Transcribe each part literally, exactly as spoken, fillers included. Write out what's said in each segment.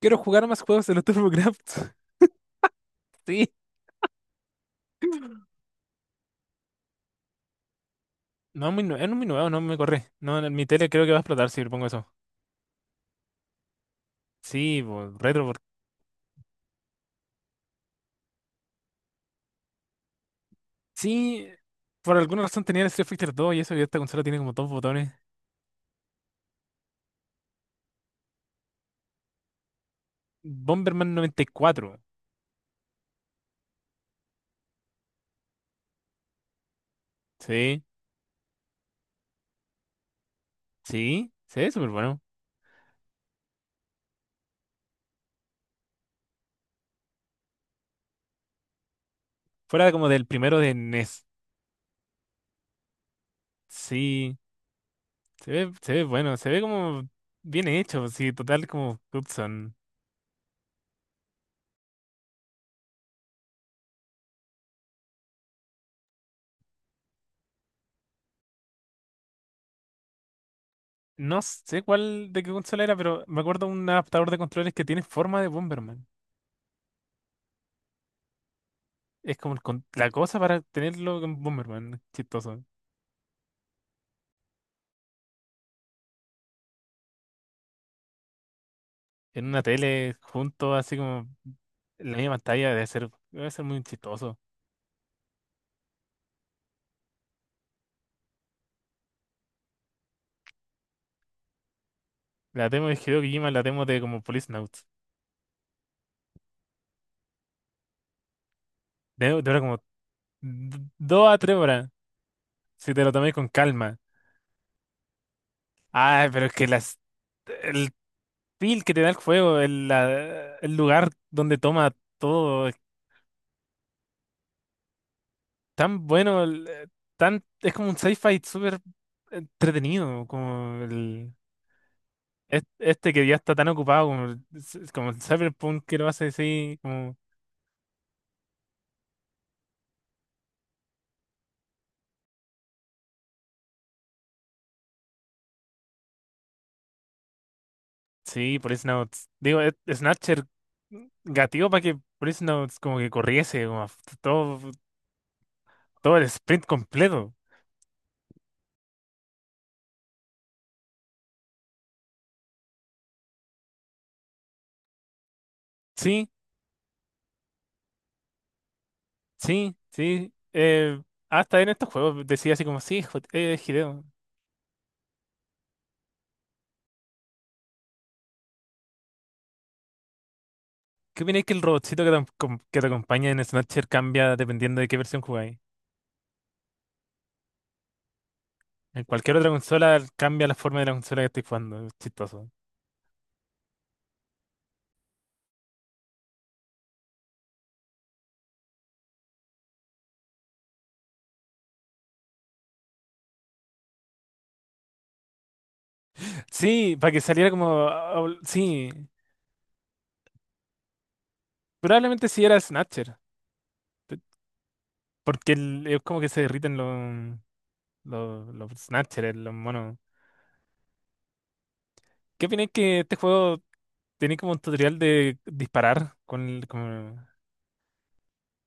Quiero jugar más juegos de los TurboCraft. Sí. No, es muy nuevo, no, muy nuevo, no me corre. No, en mi tele creo que va a explotar si le pongo eso. Sí, po, retro. por- Sí, por alguna razón tenía el Street Fighter dos y eso, y esta consola tiene como dos botones. Bomberman noventa y cuatro. Sí, sí, se ve súper bueno. Fuera como del primero de NES. Sí, se ve, se ve bueno, se ve como bien hecho, sí, total como Hudson. No sé cuál de qué consola era, pero me acuerdo un adaptador de controles que tiene forma de Bomberman. Es como el con- la cosa para tenerlo con Bomberman, chistoso. En una tele junto, así como en la misma pantalla, debe ser, debe ser muy chistoso. La demo de Hideo Kojima, la demo de como Police Notes. Debe dura como d- dos a tres horas, si te lo tomas con calma. Ah, pero es que las, el feel que te da el juego, el, la- el lugar donde toma todo, es tan bueno, el- eh, tan, es como un sci-fi súper entretenido, como el... es- Este que ya está tan ocupado como, el- s- como el Cyberpunk que lo hace así, como, sí, por eso no, digo, es- Snatcher gatillo para que por eso no, como que corriese, como f- todo, todo el sprint completo. Sí, sí, sí. eh, Hasta en estos juegos decía así como, sí, jo- eh, Hideo. ¿Qué opináis que el robotcito que te, acom- que te acompaña en Snatcher cambia dependiendo de qué versión jugáis? En cualquier otra consola cambia la forma de la consola que estáis jugando, es chistoso. Sí, para que saliera como, ah, ah, sí. Probablemente sí era Snatcher, te- porque el- es como que se derriten los, los, los Snatchers, los monos. ¿Qué opináis que este juego tenía como un tutorial de disparar con el, como...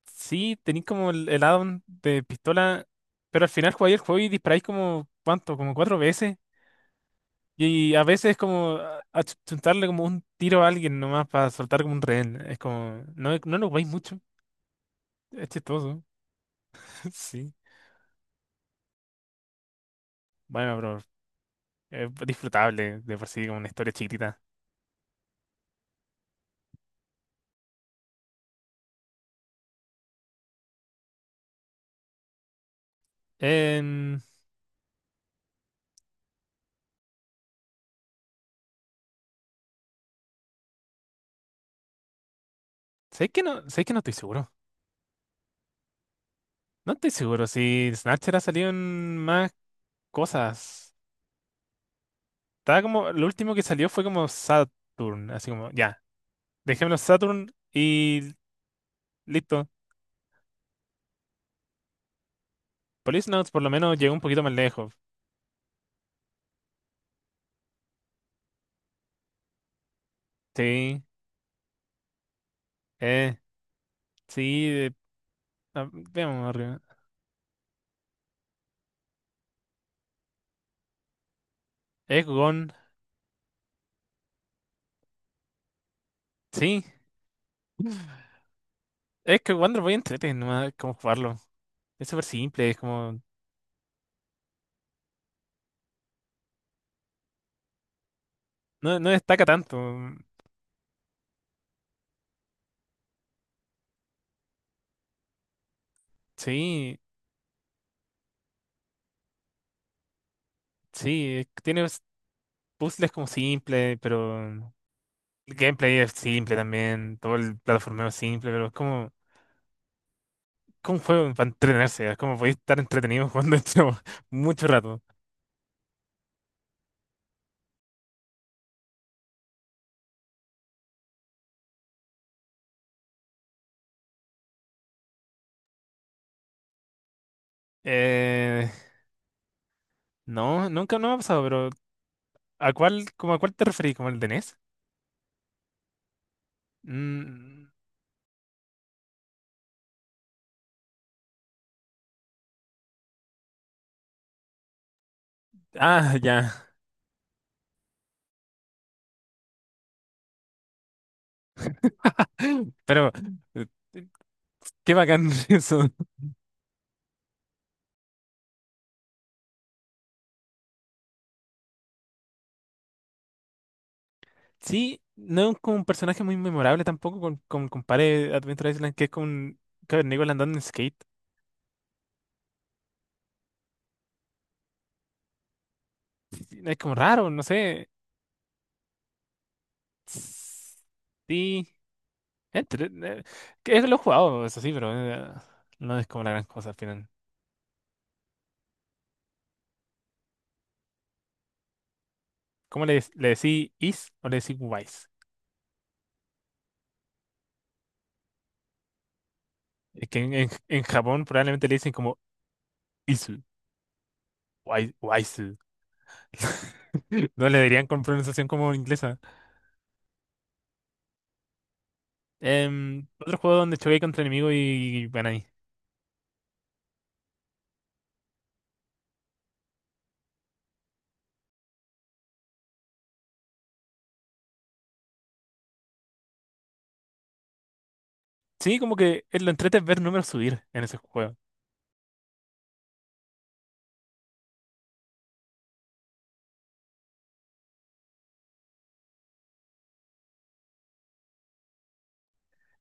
Sí, tenéis como el, el add-on de pistola, pero al final jugáis el juego y disparáis como, ¿cuánto? Como cuatro veces. Y a veces es como a- achuntarle como un tiro a alguien nomás para soltar como un rehén. Es como, no, no lo jugáis mucho, es chistoso. Sí. Bueno, pero es disfrutable de por sí, como una historia chiquitita. Em, Sé que no, sé que no estoy seguro. No estoy seguro si Snatcher ha salido en más cosas. Estaba como, lo último que salió fue como Saturn, así como, ya, dejémoslo Saturn y listo. Police Notes por lo menos llegó un poquito más lejos. Sí, eh, sí, eh, ah, veamos arriba. Egggon, sí, es que Wonder Boy entrete, nomás como jugarlo. Es súper simple, es como, no, no destaca tanto. Sí, sí, es que tiene puzzles como simples, pero. El gameplay es simple también, todo el plataformeo es simple, pero es como, como un juego para entretenerse, es como podéis estar entretenido jugando esto mucho rato. Eh, no, nunca no me ha pasado, pero ¿a cuál, como a cuál te referís? ¿Como el de NES? Mm, ah, ya. Pero, eh, qué bacán eso. Sí, no es como un personaje muy memorable tampoco, con, con, compare Adventure Island, que es como un cavernícola andando en skate. Es como raro, no sé. Sí. Entre, eh, que es lo he jugado, eso sí, pero eh, no es como la gran cosa al final. ¿Cómo le, le decís is o le decís wise? Es que en, en- en Japón probablemente le dicen como isu, wai- waisu. No le dirían con pronunciación como inglesa. Em, otro juego donde choqué contra enemigos y van ahí. Sí, como que eh, lo entrete es ver números subir en ese juego.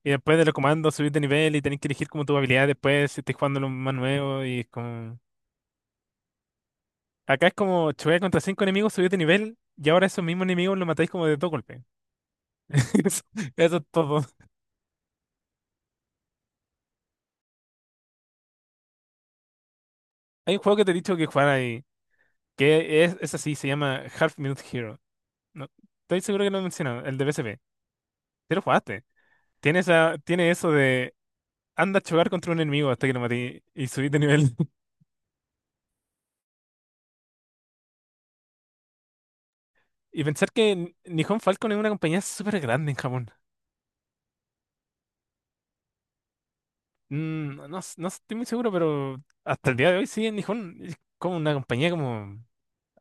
Y después de los comandos subir de nivel y tenés que elegir como tu habilidad después si estés jugando lo más nuevo y es como... Acá es como chocar contra cinco enemigos, subí de nivel y ahora esos mismos enemigos los matáis como de dos golpes. Eso, eso es todo. Hay un juego que te he dicho que jugar ahí, que es, es así, se llama Half Minute Hero. No, estoy seguro que lo he mencionado, el de P S P. Te lo jugaste. Tiene, esa, tiene eso de anda a chocar contra un enemigo hasta que lo maté y subí de nivel. Y pensar que Nihon Falcon es una compañía súper grande en Japón. Mm, no, s- no estoy muy seguro, pero hasta el día de hoy sí, en Nihon es como una compañía como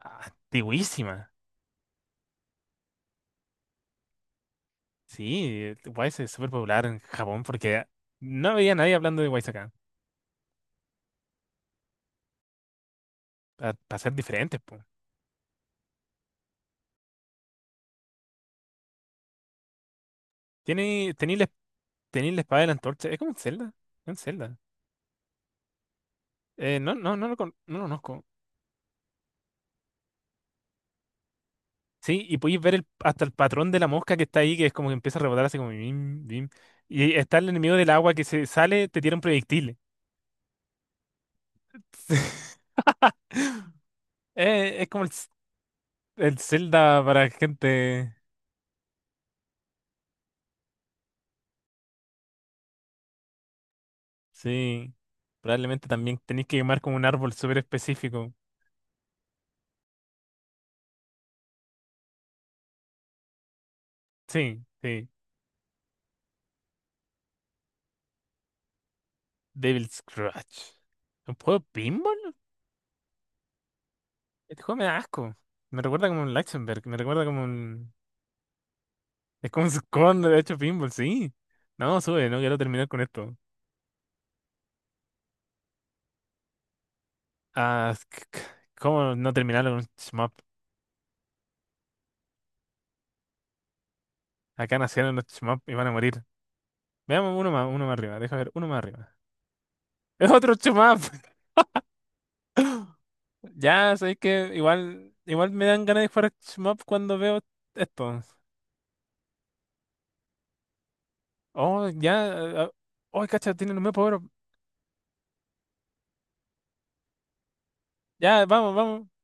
ah, antiguísima. Sí, Wise es súper popular en Japón porque no había nadie hablando de Wise acá. Para ser diferentes, pues. Tiene, tení la, tení la espada de la antorcha. Es como un Zelda. Es un Zelda. Eh, no, no, no lo, con- no lo conozco. Sí, y podéis ver el- hasta el patrón de la mosca que está ahí, que es como que empieza a rebotar así como bim, bim. Y está el enemigo del agua que se sale, te tira un proyectil. Eh, es como el, Z- el Zelda para gente. Sí. Probablemente también tenéis que quemar como un árbol súper específico. Sí, sí. Devil Scratch. ¿Un juego de pinball? Este juego me da asco. Me recuerda como un Lichtenberg, me recuerda como un... Es como un Scone de hecho pinball, sí. No, sube, no quiero terminar con esto. Ah, c- c- ¿cómo no terminarlo con un shmup? Acá nacieron los shmup y van a morir. Veamos uno más, uno más arriba, deja ver, uno más arriba. ¡Es otro shmup! Ya, sabéis que igual, igual me dan ganas de jugar shmup cuando veo esto. Oh, ya, ah, ah, oh, cacha, tiene un nuevo power. Ya, vamos, vamos.